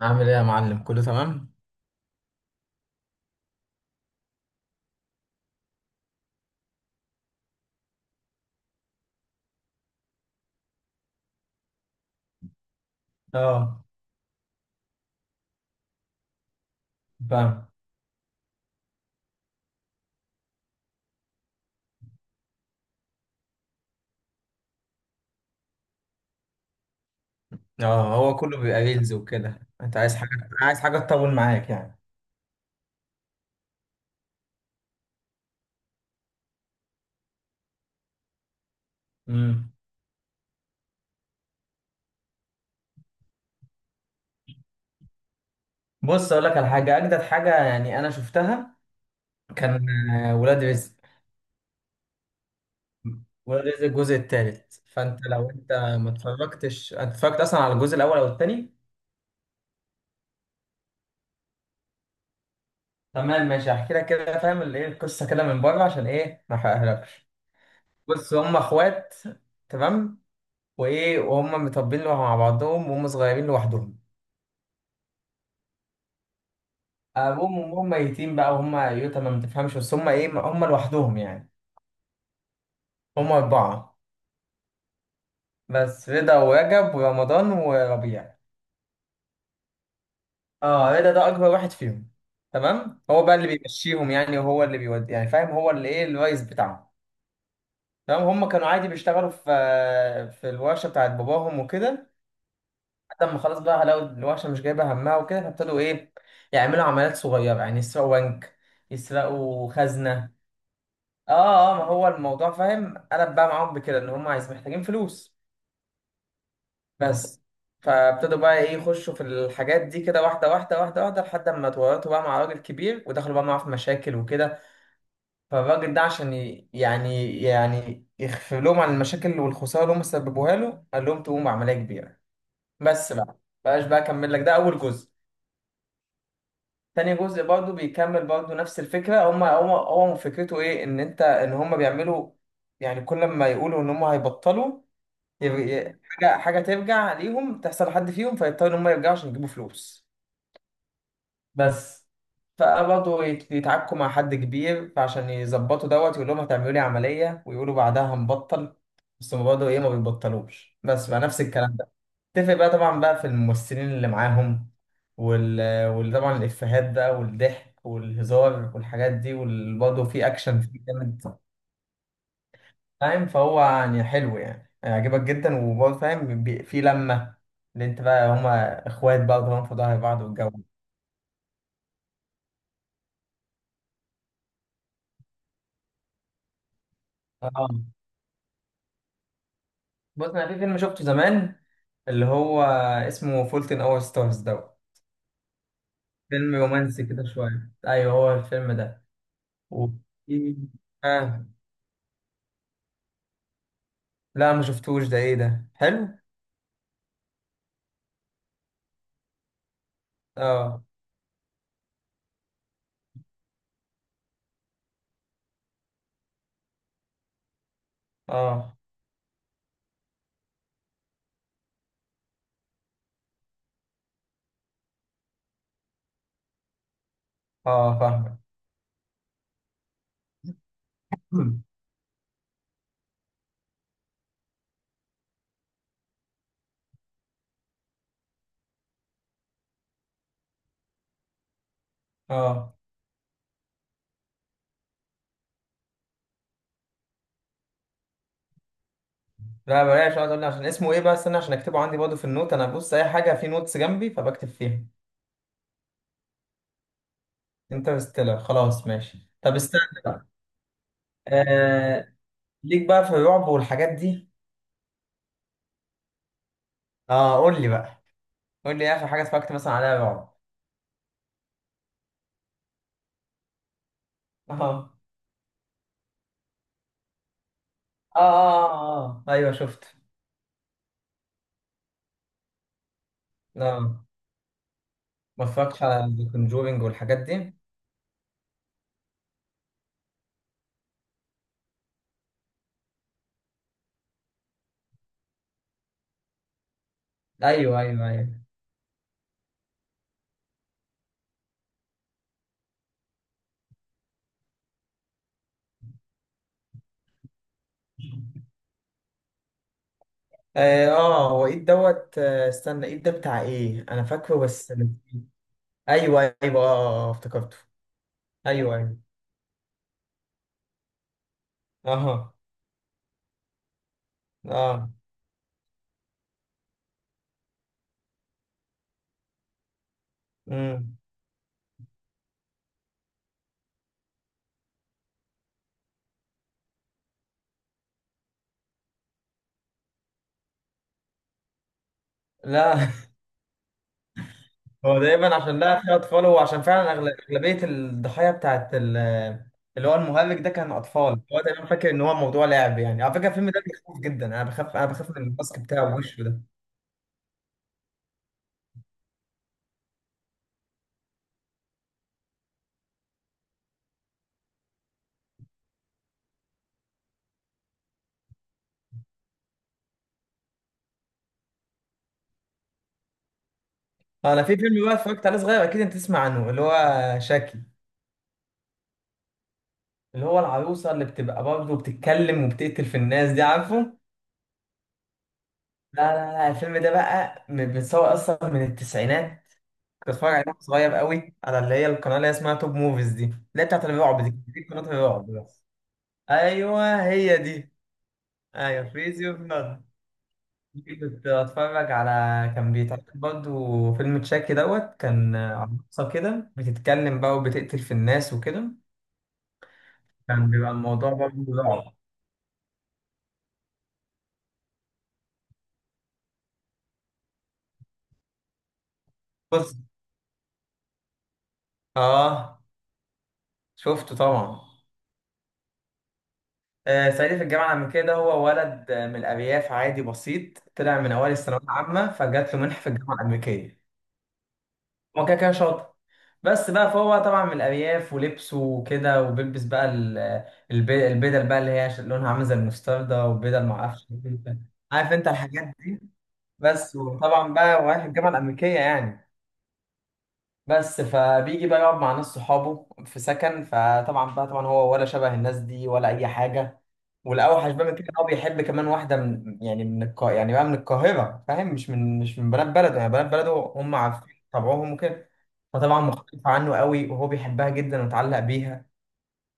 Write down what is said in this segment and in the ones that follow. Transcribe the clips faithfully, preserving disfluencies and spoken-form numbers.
عامل ايه يا معلم؟ كله تمام. اه. فاهم. اه، هو كله بيبقى ريلز وكده. انت عايز حاجه؟ عايز حاجه تطول معاك يعني. امم. بص اقول لك على حاجه، اجدد حاجه يعني انا شفتها، كان آه، ولاد رزق. ولاد رزق الجزء الثالث. فانت لو انت ما اتفرجتش، انت اتفرجت اصلا على الجزء الاول او الثاني؟ تمام ماشي، هحكي لك كده فاهم ال- ايه القصه كده من بره عشان ايه ما احرقهالكش. بص، هم اخوات. تمام. وايه وهم متربيين مع بعضهم وهم صغيرين لوحدهم. ابوهم وامهم ميتين بقى وهم يتامى ما تفهمش، بس هم ايه هم لوحدهم يعني. هم اربعه. بس رضا ورجب ورمضان وربيع. اه، رضا ده اكبر واحد فيهم. تمام، هو بقى اللي بيمشيهم يعني، وهو اللي بيودي يعني فاهم، هو اللي ايه الرئيس بتاعهم. تمام، هم كانوا عادي بيشتغلوا في في الورشه بتاعت باباهم وكده، لحد ما خلاص بقى لقوا الورشه مش جايبه همها وكده، فابتدوا ايه يعملوا عمليات صغيره، يعني يسرقوا بنك، يسرقوا خزنه. اه اه، ما هو الموضوع فاهم قلب بقى معاهم بكده ان هم عايز محتاجين فلوس. بس. فابتدوا بقى ايه يخشوا في الحاجات دي كده واحده واحده واحده واحده، لحد ما اتورطوا بقى مع راجل كبير ودخلوا بقى معاه في مشاكل وكده. فالراجل ده عشان ي- يعني يعني يخفي لهم عن المشاكل والخساره اللي هم سببوها له، قال لهم تقوموا بعمليه كبيره. بس بقى، بقاش بقى اكمل لك، ده اول جزء. تاني جزء برضه بيكمل برضه نفس الفكره. هم هو هو فكرته ايه، ان انت ان هم بيعملوا يعني كل ما يقولوا ان هم هيبطلوا، يبقى- يبقى- حاجة حاجة ترجع ليهم تحصل لحد فيهم فيضطروا إن هم يرجعوا عشان يجيبوا فلوس. بس. فبرضه يت- يتعاركوا مع حد كبير، فعشان يظبطوا دوت يقول لهم هتعملوا لي عملية ويقولوا بعدها هنبطل، بس هم برضه إيه ما بيبطلوش. بس بقى نفس الكلام ده، تفرق بقى طبعا بقى في الممثلين اللي معاهم وال وطبعا الإفيهات بقى والضحك والهزار والحاجات دي، وبرضه في أكشن فيه جامد فاهم. فهو يعني حلو، يعني هيعجبك جدا، وبرضه فاهم بي- في لمة، اللي انت بقى هما اخوات بقى، وطبعا في ظهر بعض والجو ده. اه، بص انا في فيلم شفته زمان اللي هو اسمه فولتن اور ستارز دوت. فيلم رومانسي كده شوية. ايوه هو الفيلم ده. و... آه. لا ما شفتوش ده، ايه ده حلو؟ اه اه اه. فاهمك. اه. لا بلاش، اقعد اقول لي عشان اسمه ايه بقى، استنى عشان اكتبه عندي برضه في النوت، انا ببص اي حاجة في نوتس جنبي فبكتب فيها. انترستيلر خلاص ماشي، طب استنى بقى. آه. ليك بقى في الرعب والحاجات دي. اه قول لي بقى، قول لي ايه اخر حاجه اتفرجت مثلا عليها رعب. اه اه. اه اه آه، ايوه شفت. اه، ما اتفرجتش على ذا كونجورينج والحاجات دي. ايوه ايوه ايوه. اه، آه، هو ايه دوت، آه، استنى، ايه ده بتاع ايه، انا فاكره بس. ايوه ايوه اه آه، آه، افتكرته. ايوه ايوه. اه اه. امم. لا هو دايما عشان لا فيها اطفال، وعشان فعلا أغل- اغلبيه الضحايا بتاعت ال- اللي هو المهلك ده كان اطفال، هو دايما فاكر ان هو موضوع لعب يعني. على فكره الفيلم ده بيخوف جدا، انا بخاف انا بخاف من الماسك بتاعه وشه ده. آه، انا في فيلم بقى اتفرجت عليه صغير، اكيد انت تسمع عنه، اللي هو شاكي، اللي هو العروسه اللي بتبقى برضه بتتكلم وبتقتل في الناس دي، عارفه؟ لا لا لا، الفيلم ده بقى م- بيتصور اصلا من التسعينات، كنت بتفرج عليه وأنا صغير قوي على اللي هي القناه اللي هي اسمها توب موفيز دي، اللي هي بتاعت الرعب، دي دي قناه الرعب. ايوه هي دي. ايوه فريزيو في دماغك، دي كنت اتفرج على، كان بيتعرض برضه فيلم تشاكي دوت، كان عروسه كده بتتكلم بقى وبتقتل في الناس وكده، كان بيبقى الموضوع برضه رعب. بص. اه شفته طبعا. آه صعيدي في الجامعه الامريكيه ده، هو ولد آه، من الارياف، عادي بسيط، طلع من اوائل الثانويه العامه فجات له منحه في الجامعه الامريكيه. هو كده كده شاطر، بس بقى فهو طبعا من الأرياف، ولبسه وكده وبيلبس بقى ال- الب- البدل بقى اللي هي ش- لونها عامل زي المستردة، وبدل معرفش إيه كده. عارف انت الحاجات دي، بس. وطبعا بقى رايح الجامعة الأمريكية يعني، بس. فبيجي بقى يقعد مع ناس صحابه في سكن، فطبعا بقى طبعا هو ولا شبه الناس دي ولا أي حاجة، والأوحش بقى من كده إن هو بيحب كمان واحدة من، يعني من القا يعني بقى من القاهرة فاهم، مش من مش من بنات بلده، يعني بنات بلده هم عارفين طبعهم وكده، فطبعا مختلفة عنه قوي وهو بيحبها جدا ومتعلق بيها.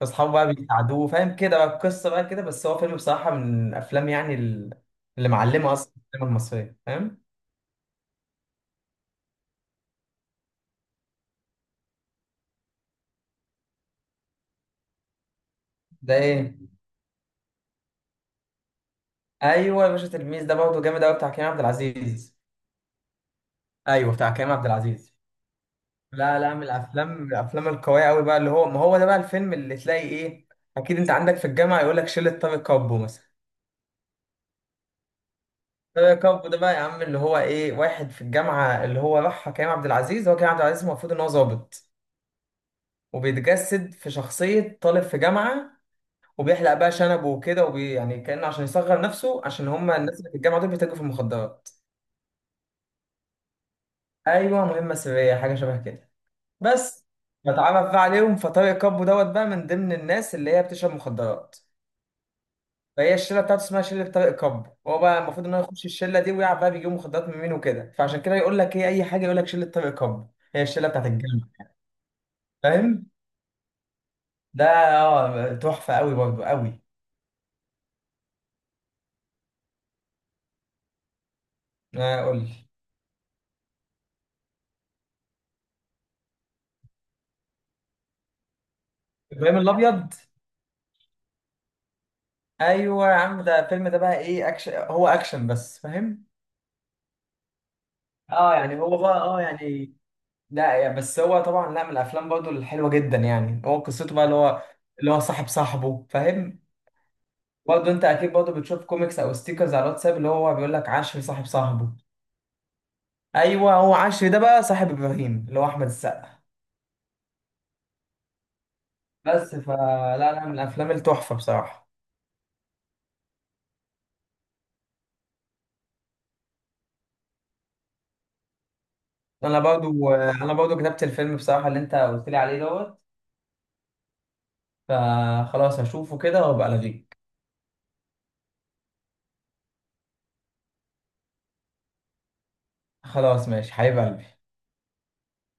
فاصحابه بقى بيساعدوه فاهم كده، بقى القصة بقى كده، بس هو فيلم بصراحة من الأفلام يعني ال- اللي معلمة أصلا في السينما المصرية فاهم. ده إيه؟ أيوه، يا باشا تلميذ ده برضه جامد قوي، بتاع كريم عبد العزيز. أيوه بتاع كريم عبد العزيز. لا لا، من الأفلام من الأفلام القوية قوي بقى، اللي هو، ما هو ده بقى الفيلم اللي تلاقي إيه أكيد أنت عندك في الجامعة يقول لك شلة طارق كابو مثلا. طارق كابو ده بقى يا عم اللي هو إيه واحد في الجامعة اللي هو راحها كريم عبد العزيز، هو كريم عبد العزيز المفروض إن هو ظابط، وبيتجسد في شخصية طالب في جامعة، وبيحلق بقى شنبه وكده، وبي يعني كأنه عشان يصغر نفسه، عشان هما الناس اللي في الجامعة دول بيتاجروا في المخدرات. أيوه، مهمة سرية حاجة شبه كده، بس. بتعرف بقى عليهم، فطارق كابو دوت بقى من ضمن الناس اللي هي بتشرب مخدرات، فهي الشلة بتاعته اسمها شلة طارق كابو، هو بقى المفروض إن هو يخش الشلة دي ويعرف بقى بيجيبوا مخدرات من مين وكده، فعشان كده يقول لك إيه أي حاجة يقول لك شلة طارق كابو. هي الشلة بتاعت الجامعة. فاهم؟ ده اه تحفة أوي برضه أوي. آه، قول لي. إبراهيم الأبيض. ايوه يا عم، ده الفيلم ده بقى ايه اكشن، هو اكشن بس فاهم. اه يعني هو بقى اه يعني، لا يعني بس هو طبعا لا من الافلام برضه الحلوه جدا، يعني هو قصته بقى اللي هو، اللي هو صاحب صاحبه فاهم. برضه انت اكيد برضه بتشوف كوميكس او ستيكرز على الواتساب، اللي هو بيقول لك عشري صاحب صاحبه. ايوه، هو عشري ده بقى صاحب ابراهيم اللي هو احمد السقا. بس، فلا لا لا، من الافلام التحفه بصراحه. انا برضه انا برضه كتبت الفيلم بصراحه اللي انت قلت لي عليه دوت، فخلاص هشوفه كده وابقى الغيك. خلاص ماشي حبيب قلبي.